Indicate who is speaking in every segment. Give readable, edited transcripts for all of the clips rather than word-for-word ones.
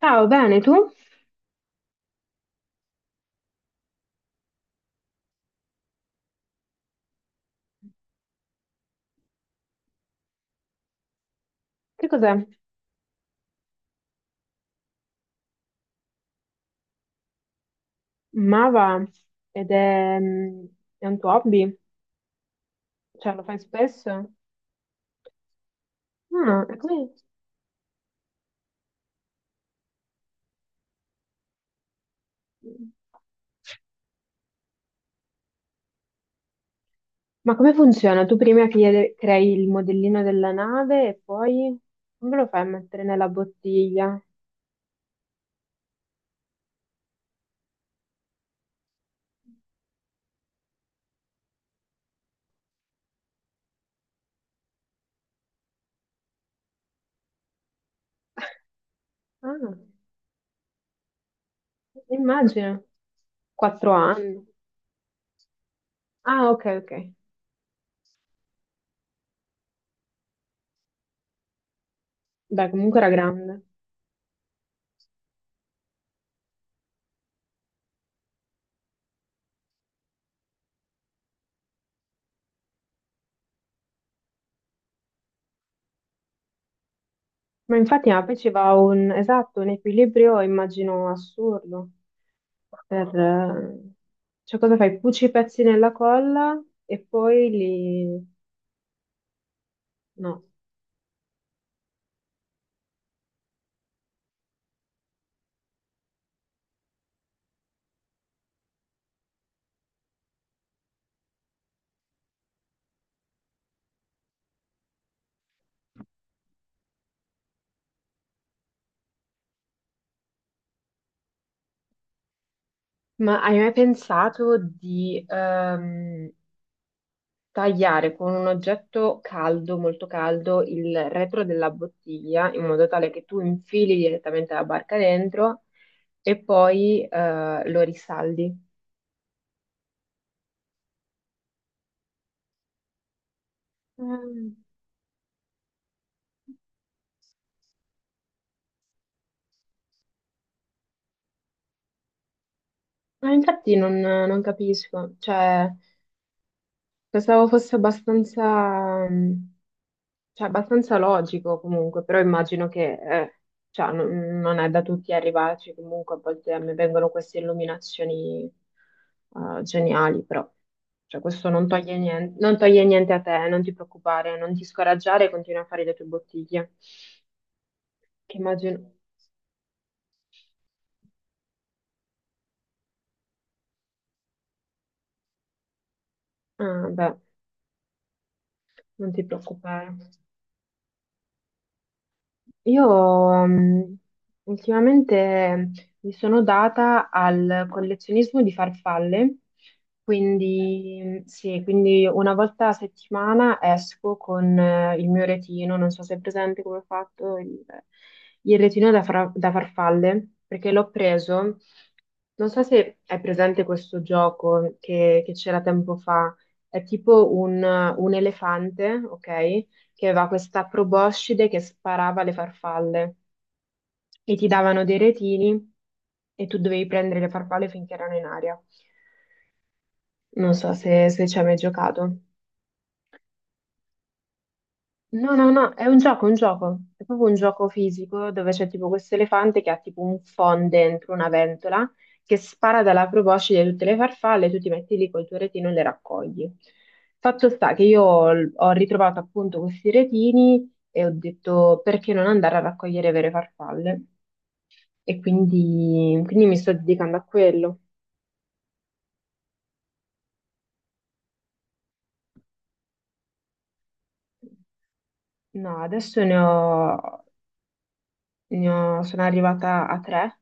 Speaker 1: Ciao, bene, tu? Che cos'è? Mava ed è un tuo hobby? Cioè, lo fai spesso? Ah. Ma come funziona? Tu prima crei il modellino della nave e poi come lo fai a mettere nella bottiglia? Ah, immagino. Quattro anni. Ah, ok, ok. Beh, comunque era grande. Ma infatti, ma poi ci va un, esatto, un equilibrio, immagino, assurdo. Per, eh, cioè, cosa fai? Cuci i pezzi nella colla e poi li. No. Ma hai mai pensato di tagliare con un oggetto caldo, molto caldo, il retro della bottiglia in modo tale che tu infili direttamente la barca dentro e poi lo risaldi? Mm. Ma infatti non capisco, cioè. Pensavo fosse abbastanza, cioè, abbastanza logico comunque, però immagino che cioè, non è da tutti arrivarci. Comunque a volte a me vengono queste illuminazioni geniali, però cioè, questo non toglie niente, non toglie niente a te, non ti preoccupare, non ti scoraggiare, continua a fare le tue bottiglie, che immagino. Ah, beh, non ti preoccupare. Io ultimamente mi sono data al collezionismo di farfalle. Quindi mm, sì, quindi una volta a settimana esco con il mio retino, non so se è presente come ho fatto il retino da, da farfalle, perché l'ho preso. Non so se è presente questo gioco che c'era tempo fa. È tipo un, elefante, ok? Che aveva questa proboscide che sparava le farfalle e ti davano dei retini e tu dovevi prendere le farfalle finché erano in aria. Non so se ci hai mai giocato. No, no, no, è un gioco, un gioco. È proprio un gioco fisico dove c'è tipo questo elefante che ha tipo un phon dentro una ventola che spara dalla proboscide tutte le farfalle, tu ti metti lì col tuo retino e le raccogli. Fatto sta che io ho ritrovato appunto questi retini e ho detto, perché non andare a raccogliere vere farfalle? E quindi mi sto dedicando a quello. No, adesso sono arrivata a tre.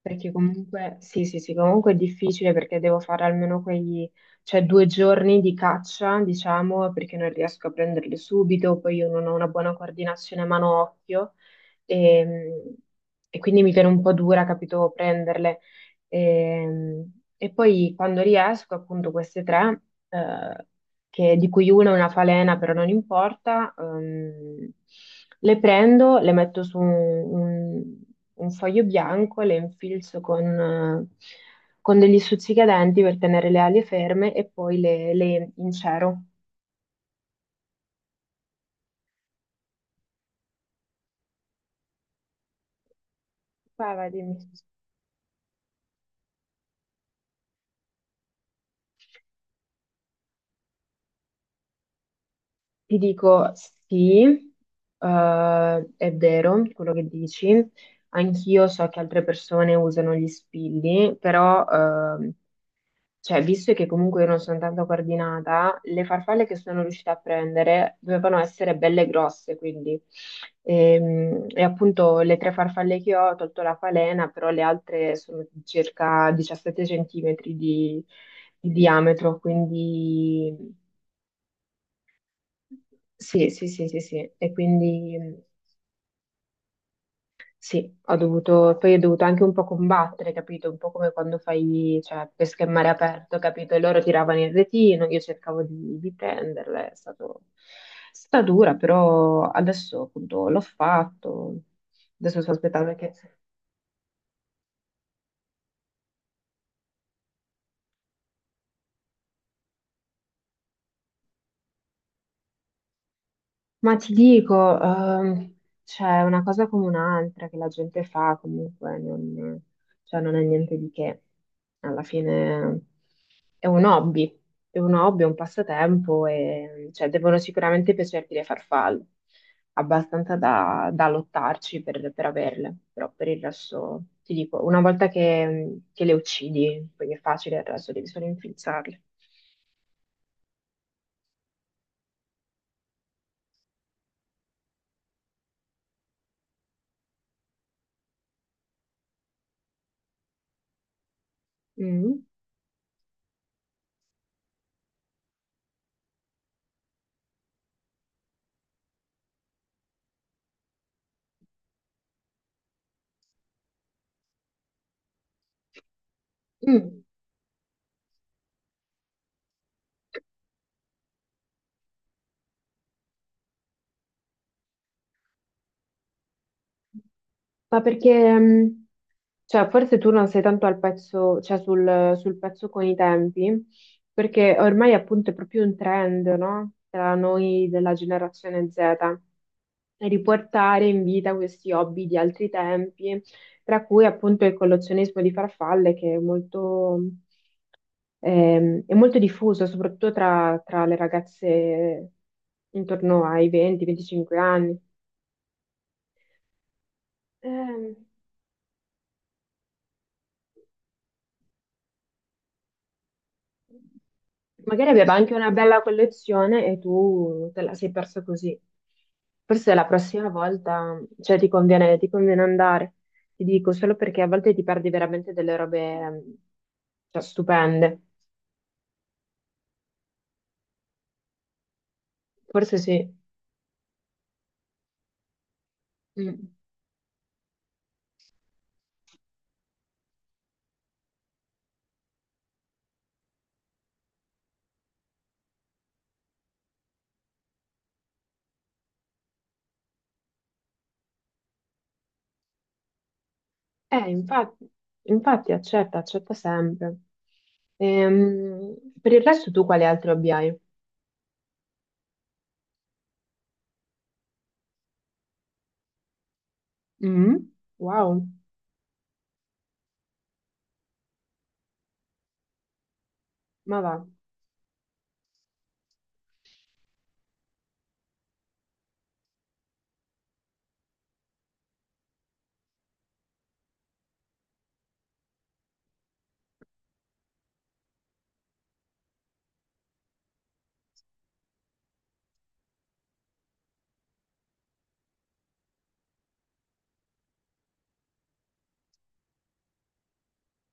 Speaker 1: Perché comunque, sì, sì, sì, comunque è difficile perché devo fare almeno quei, cioè, due giorni di caccia, diciamo. Perché non riesco a prenderli subito, poi io non ho una buona coordinazione mano-occhio, e, e quindi mi viene un po' dura, capito, prenderle. E, e poi quando riesco, appunto, queste tre, eh, di cui una è una falena, però non importa, le prendo, le metto su un foglio bianco, le infilzo con degli stuzzicadenti per tenere le ali ferme e poi le incero. Vai, vai, dimmi. Ti dico sì, è vero quello che dici. Anch'io so che altre persone usano gli spilli, però cioè, visto che comunque io non sono tanto coordinata, le farfalle che sono riuscita a prendere dovevano essere belle grosse, quindi. E, appunto le tre farfalle che ho tolto la falena, però le altre sono di circa 17 centimetri di diametro, quindi sì, sì, sì, sì, sì. E quindi sì, ho dovuto, poi ho dovuto anche un po' combattere, capito? Un po' come quando fai, cioè, pesca in mare aperto, capito? E loro tiravano il retino, io cercavo di prenderle, è stata dura. Però adesso appunto l'ho fatto, adesso sto aspettando che. Ma ti dico, c'è una cosa come un'altra che la gente fa comunque, non, cioè non è niente di che. Alla fine è un hobby, è un hobby, è un passatempo, e cioè, devono sicuramente piacerti le farfalle, abbastanza da lottarci per averle. Però per il resto ti dico, una volta che le uccidi, poi è facile, il resto devi solo infilzarle. Mm. Mm. Ma perché, cioè, forse tu non sei tanto al pezzo, cioè sul pezzo con i tempi, perché ormai appunto è proprio un trend, no? Tra noi della generazione Z, e riportare in vita questi hobby di altri tempi, tra cui appunto il collezionismo di farfalle, che è molto diffuso, soprattutto tra le ragazze intorno ai 20-25 anni. Ehm, Magari aveva anche una bella collezione e tu te la sei persa così. Forse la prossima volta, cioè, ti conviene andare. Ti dico solo perché a volte ti perdi veramente delle robe, cioè, stupende. Forse sì. Mm. Eh, infatti, infatti, accetta, accetta sempre. Ehm, per il resto tu quali altri hobby hai? Mm? Wow, ma va.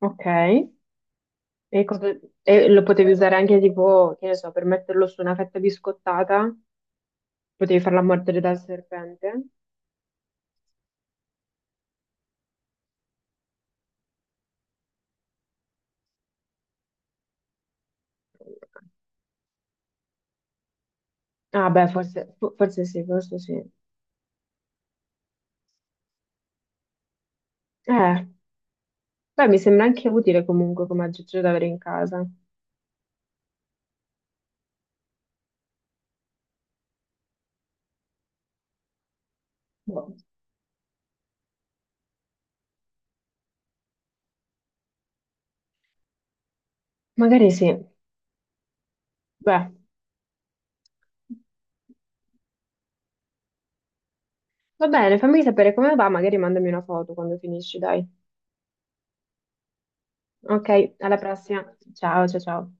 Speaker 1: Ok. E, cosa- e lo potevi usare anche tipo, che ne so, per metterlo su una fetta biscottata, potevi farla mordere dal serpente. Ah beh, forse sì, forse sì. Eh, Beh, mi sembra anche utile comunque come aggeggio da avere in casa. Boh, magari sì. Beh, va bene, fammi sapere come va, magari mandami una foto quando finisci, dai. Ok, alla prossima. Ciao, ciao, ciao.